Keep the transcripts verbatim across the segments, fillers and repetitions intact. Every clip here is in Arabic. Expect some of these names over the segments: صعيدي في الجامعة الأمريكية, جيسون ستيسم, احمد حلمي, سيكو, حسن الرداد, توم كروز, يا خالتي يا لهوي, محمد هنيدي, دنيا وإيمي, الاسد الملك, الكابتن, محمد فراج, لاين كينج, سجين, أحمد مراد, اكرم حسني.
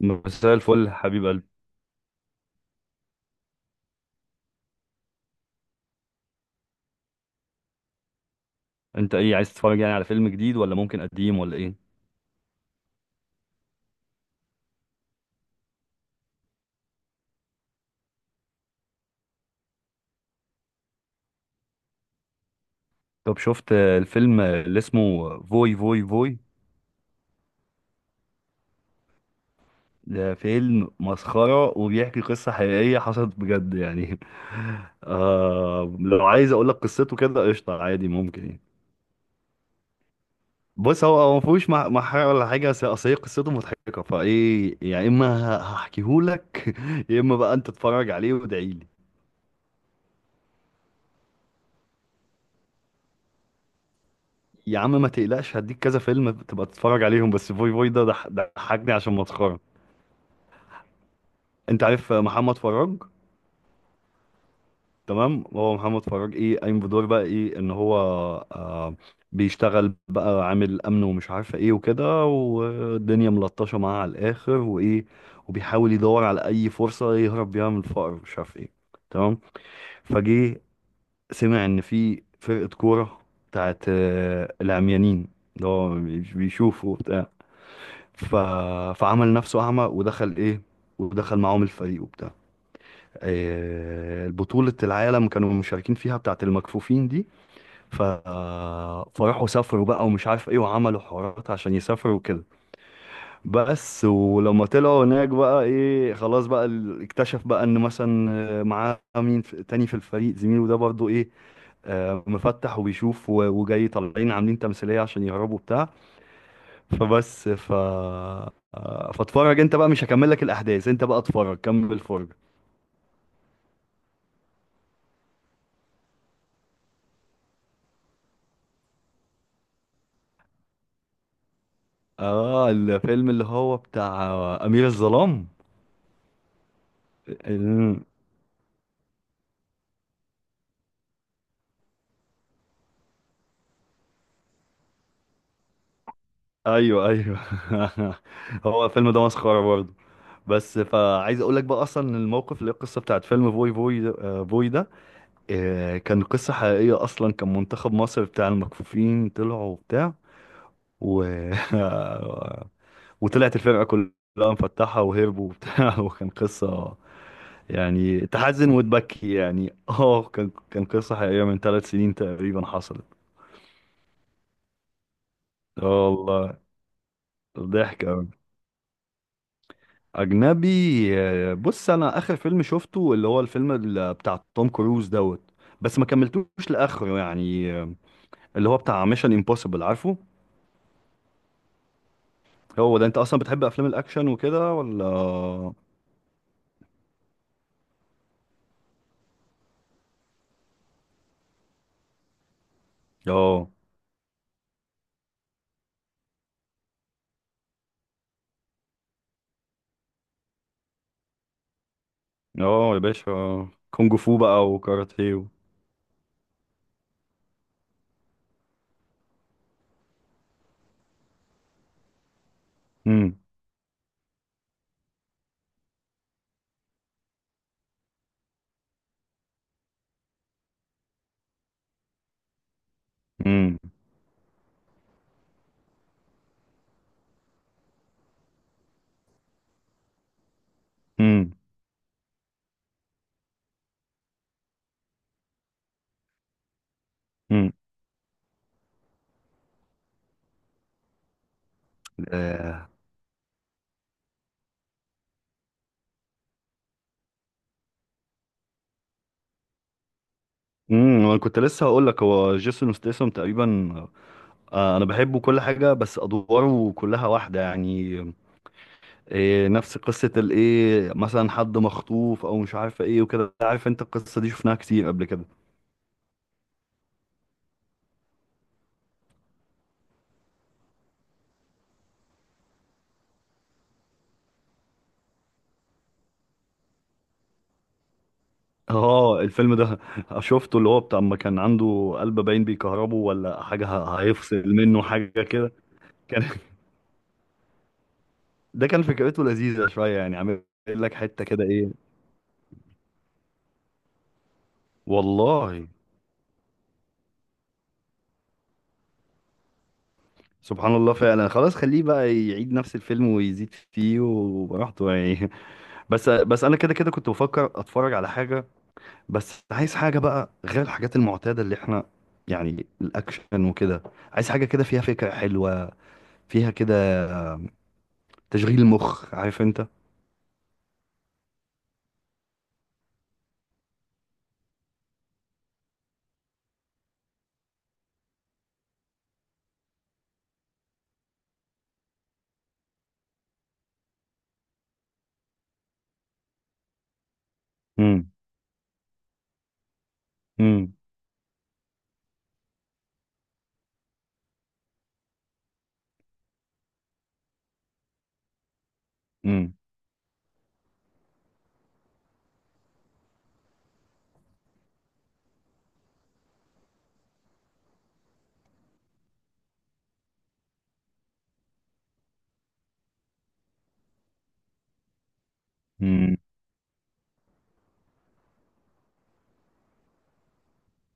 مساء الفل، حبيب قلبي. انت ايه عايز تتفرج يعني؟ على فيلم جديد ولا ممكن قديم ولا ايه؟ طب شفت آه، الفيلم، آه، اللي اسمه فوي فوي فوي؟ ده فيلم مسخرة وبيحكي قصة حقيقية حصلت بجد يعني. آه، لو عايز اقول لك قصته كده قشطة عادي ممكن يعني. بص، هو هو ما فيهوش مح- محارة ولا حاجة، بس اصل هي قصته مضحكة، فايه، يا اما هحكيهولك يا اما بقى انت تتفرج عليه وادعيلي. يا عم ما تقلقش، هديك كذا فيلم تبقى تتفرج عليهم، بس فوي فوي ده ضح- ضحكني عشان مسخره. انت عارف محمد فراج؟ تمام، هو محمد فراج ايه قايم بدور بقى ايه، ان هو آه بيشتغل بقى عامل امن ومش عارفه ايه وكده، والدنيا ملطشه معاه على الاخر وايه، وبيحاول يدور على اي فرصه يهرب بيها من الفقر، مش عارف ايه. تمام. فجه سمع ان في فرقه كوره بتاعت آه، العميانين، اللي هو بيشوفوا وبتاع. ف... فعمل نفسه أعمى، ودخل إيه، ودخل معاهم الفريق وبتاع. آه، بطولة العالم كانوا مشاركين فيها، بتاعة المكفوفين دي. ف... فراحوا سافروا بقى ومش عارف ايه وعملوا حوارات عشان يسافروا وكده. بس ولما طلعوا هناك بقى ايه خلاص بقى ال- اكتشف بقى ان مثلا آه، معاه مين في- تاني في الفريق، زميله ده برضه ايه، آه، مفتح وبيشوف و- وجاي طالعين عاملين تمثيلية عشان يهربوا بتاع. فبس ف فاتفرج انت بقى، مش هكمل لك الاحداث، انت بقى اتفرج كمل الفرجه. اه الفيلم اللي هو بتاع امير الظلام. ال- ايوه، ايوه. هو الفيلم ده مسخره برضه، بس فعايز اقول لك بقى اصلا إن الموقف اللي هي القصه بتاعت فيلم فوي فوي ده- آه، فوي ده. آه، كان قصه حقيقيه، اصلا كان منتخب مصر بتاع المكفوفين طلعوا وبتاع و... وطلعت الفرقه كلها مفتحه وهربوا وبتاع وكان قصه يعني تحزن وتبكي يعني. اه كان كان قصة حقيقية من ثلاث سنين تقريبا حصلت. اه والله. ضحك أوي. أجنبي. آه، بص أنا آخر فيلم شفته اللي هو الفيلم ال- بتاع توم كروز دوت، بس ما كملتوش لآخره يعني. آه، اللي هو بتاع ميشن امبوسيبل عارفه. هو ده أنت أصلا بتحب أفلام الأكشن وكده ولا اه؟ اه يا باشا، كونج فو بقى وكاراتيه و... مم. مم. مم. مم. آه. امم انا كنت لسه هقول لك، هو جيسون ستيسم تقريبا. آه انا بحبه كل حاجه، بس ادواره كلها واحده يعني. إيه، نفس قصه الايه، مثلا حد مخطوف او مش عارف ايه وكده. عارف انت القصه دي شفناها كتير قبل كده. اه الفيلم ده شفته، اللي هو بتاع ما كان عنده قلب باين بيكهربه ولا حاجه ه- هيفصل منه حاجه كده. كان ده كان فكرته لذيذه شويه يعني، عامل لك حته كده ايه. والله. سبحان الله فعلا. خلاص، خليه بقى يعيد نفس الفيلم ويزيد فيه وبراحته يعني. بس بس انا كده كده كنت بفكر اتفرج على حاجه، بس عايز حاجه بقى غير الحاجات المعتاده اللي احنا، يعني الاكشن وكده. عايز حاجه كده فيها فكره حلوه، فيها كده تشغيل مخ، عارف انت. امم، امم، امم، امم،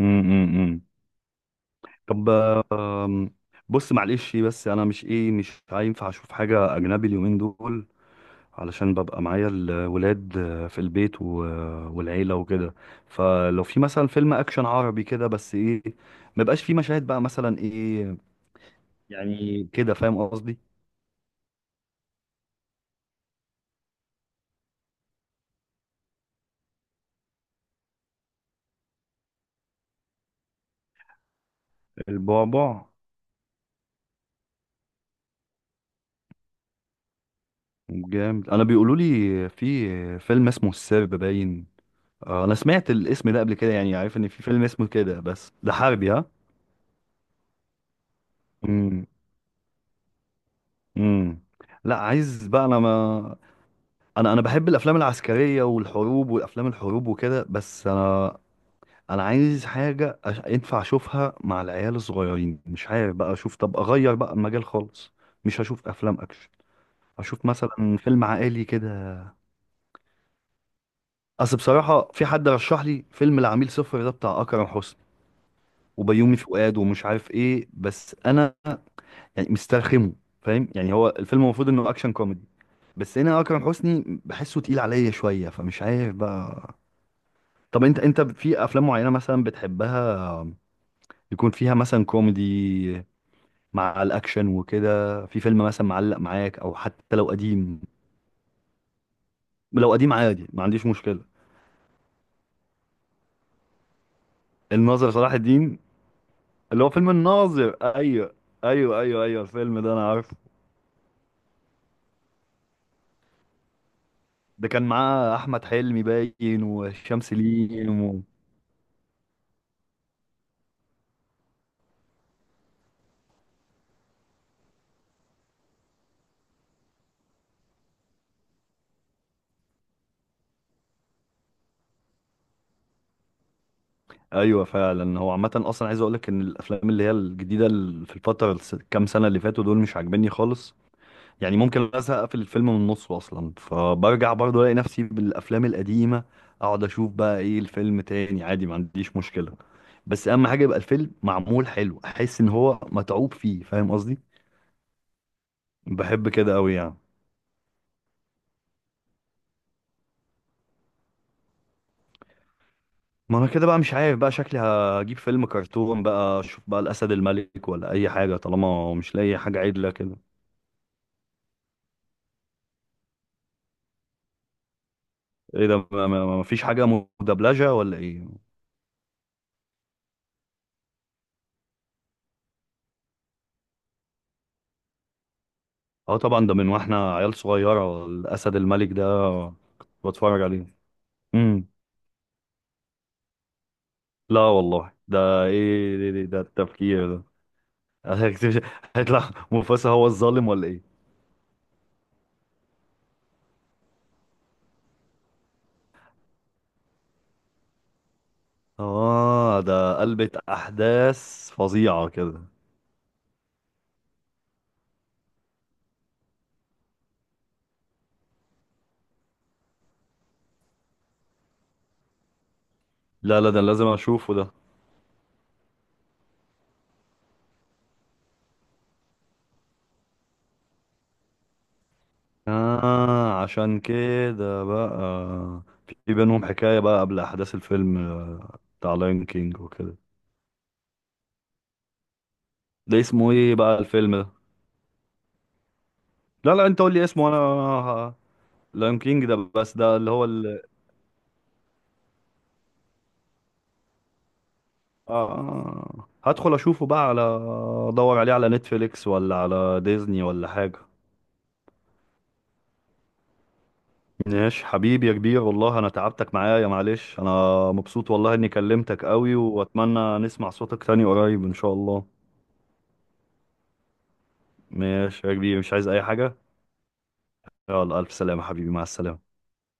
امم. طب، آم، بص معلش، بس انا مش ايه مش هينفع اشوف حاجه اجنبي اليومين دول، علشان ببقى معايا الولاد في البيت و- والعيلة وكده. فلو في مثلا فيلم أكشن عربي كده بس إيه، مبقاش فيه مشاهد بقى مثلا إيه. يعني كده فاهم قصدي. البعبع. جامد. أنا بيقولوا لي في فيلم اسمه السرب باين. آه، أنا سمعت الاسم ده قبل كده، يعني عارف إن في فيلم اسمه كده، بس ده حربي؟ ها؟ امم، امم. لا، عايز بقى أنا ما أنا أنا بحب الأفلام العسكرية والحروب والأفلام الحروب وكده، بس أنا انا عايز حاجه أش... ينفع اشوفها مع العيال الصغيرين. مش عارف بقى اشوف، طب اغير بقى المجال خالص، مش هشوف افلام اكشن. اشوف مثلا فيلم عائلي كده. اصل بصراحه في حد رشح لي فيلم العميل صفر ده بتاع اكرم حسني وبيومي فؤاد، ومش عارف ايه، بس انا يعني مسترخمه، فاهم يعني. هو الفيلم المفروض انه اكشن كوميدي، بس هنا اكرم حسني بحسه تقيل عليا شويه، فمش عارف بقى. طب انت انت في افلام معينه مثلا بتحبها، يكون فيها مثلا كوميدي مع الاكشن وكده؟ في فيلم مثلا معلق معاك، او حتى لو قديم؟ لو قديم عادي ما عنديش مشكله. الناظر صلاح الدين، اللي هو فيلم الناظر، ايوه، ايوه، ايوه، ايوه، الفيلم ده انا عارفه. ده كان معاه احمد حلمي باين وهشام سليم و... ايوه فعلا. هو عامه اصلا عايز اقول لك ان الافلام اللي هي الجديده ال- في الفتره الس- كام سنه اللي فاتوا دول مش عاجبني خالص. يعني ممكن ازهق، اقفل الفيلم من نصه اصلا، فبرجع برضه الاقي نفسي بالافلام القديمه. اقعد اشوف بقى ايه الفيلم تاني، عادي ما عنديش مشكله. بس اهم حاجه يبقى الفيلم معمول حلو، احس ان هو متعوب فيه، فاهم قصدي. بحب كده قوي يعني. ما انا كده بقى مش عارف بقى، شكلي هجيب فيلم كرتون بقى، اشوف بقى الاسد الملك ولا اي حاجه طالما مش لاقي حاجه عدله كده. ايه ده؟ ما ما- ما فيش حاجه مدبلجه ولا ايه؟ اه طبعا، ده من واحنا عيال صغيره الاسد الملك ده كنت بتفرج عليه. امم. لا والله، ده ايه ده, ده, ده التفكير ده؟ هيكتشف- هيطلع مفاسا هو الظالم ولا ايه؟ اه ده قلبة احداث فظيعة كده. لا، لا، ده لازم اشوفه ده. اه عشان كده بقى في بينهم حكاية بقى قبل احداث الفيلم، آه، بتاع لاين كينج وكده. ده اسمه ايه بقى الفيلم ده؟ لا، لا، انت قول لي اسمه. انا لاين كينج ده؟ بس ده اللي هو آه، آه، آه. هدخل اشوفه بقى على، ادور عليه على نتفليكس ولا على ديزني ولا حاجة. ماشي حبيبي يا كبير، والله انا تعبتك معايا، معلش. انا مبسوط والله اني كلمتك قوي، واتمنى نسمع صوتك تاني قريب ان شاء الله. ماشي يا كبير، مش عايز اي حاجة. يلا، الف سلامة حبيبي، مع السلامة.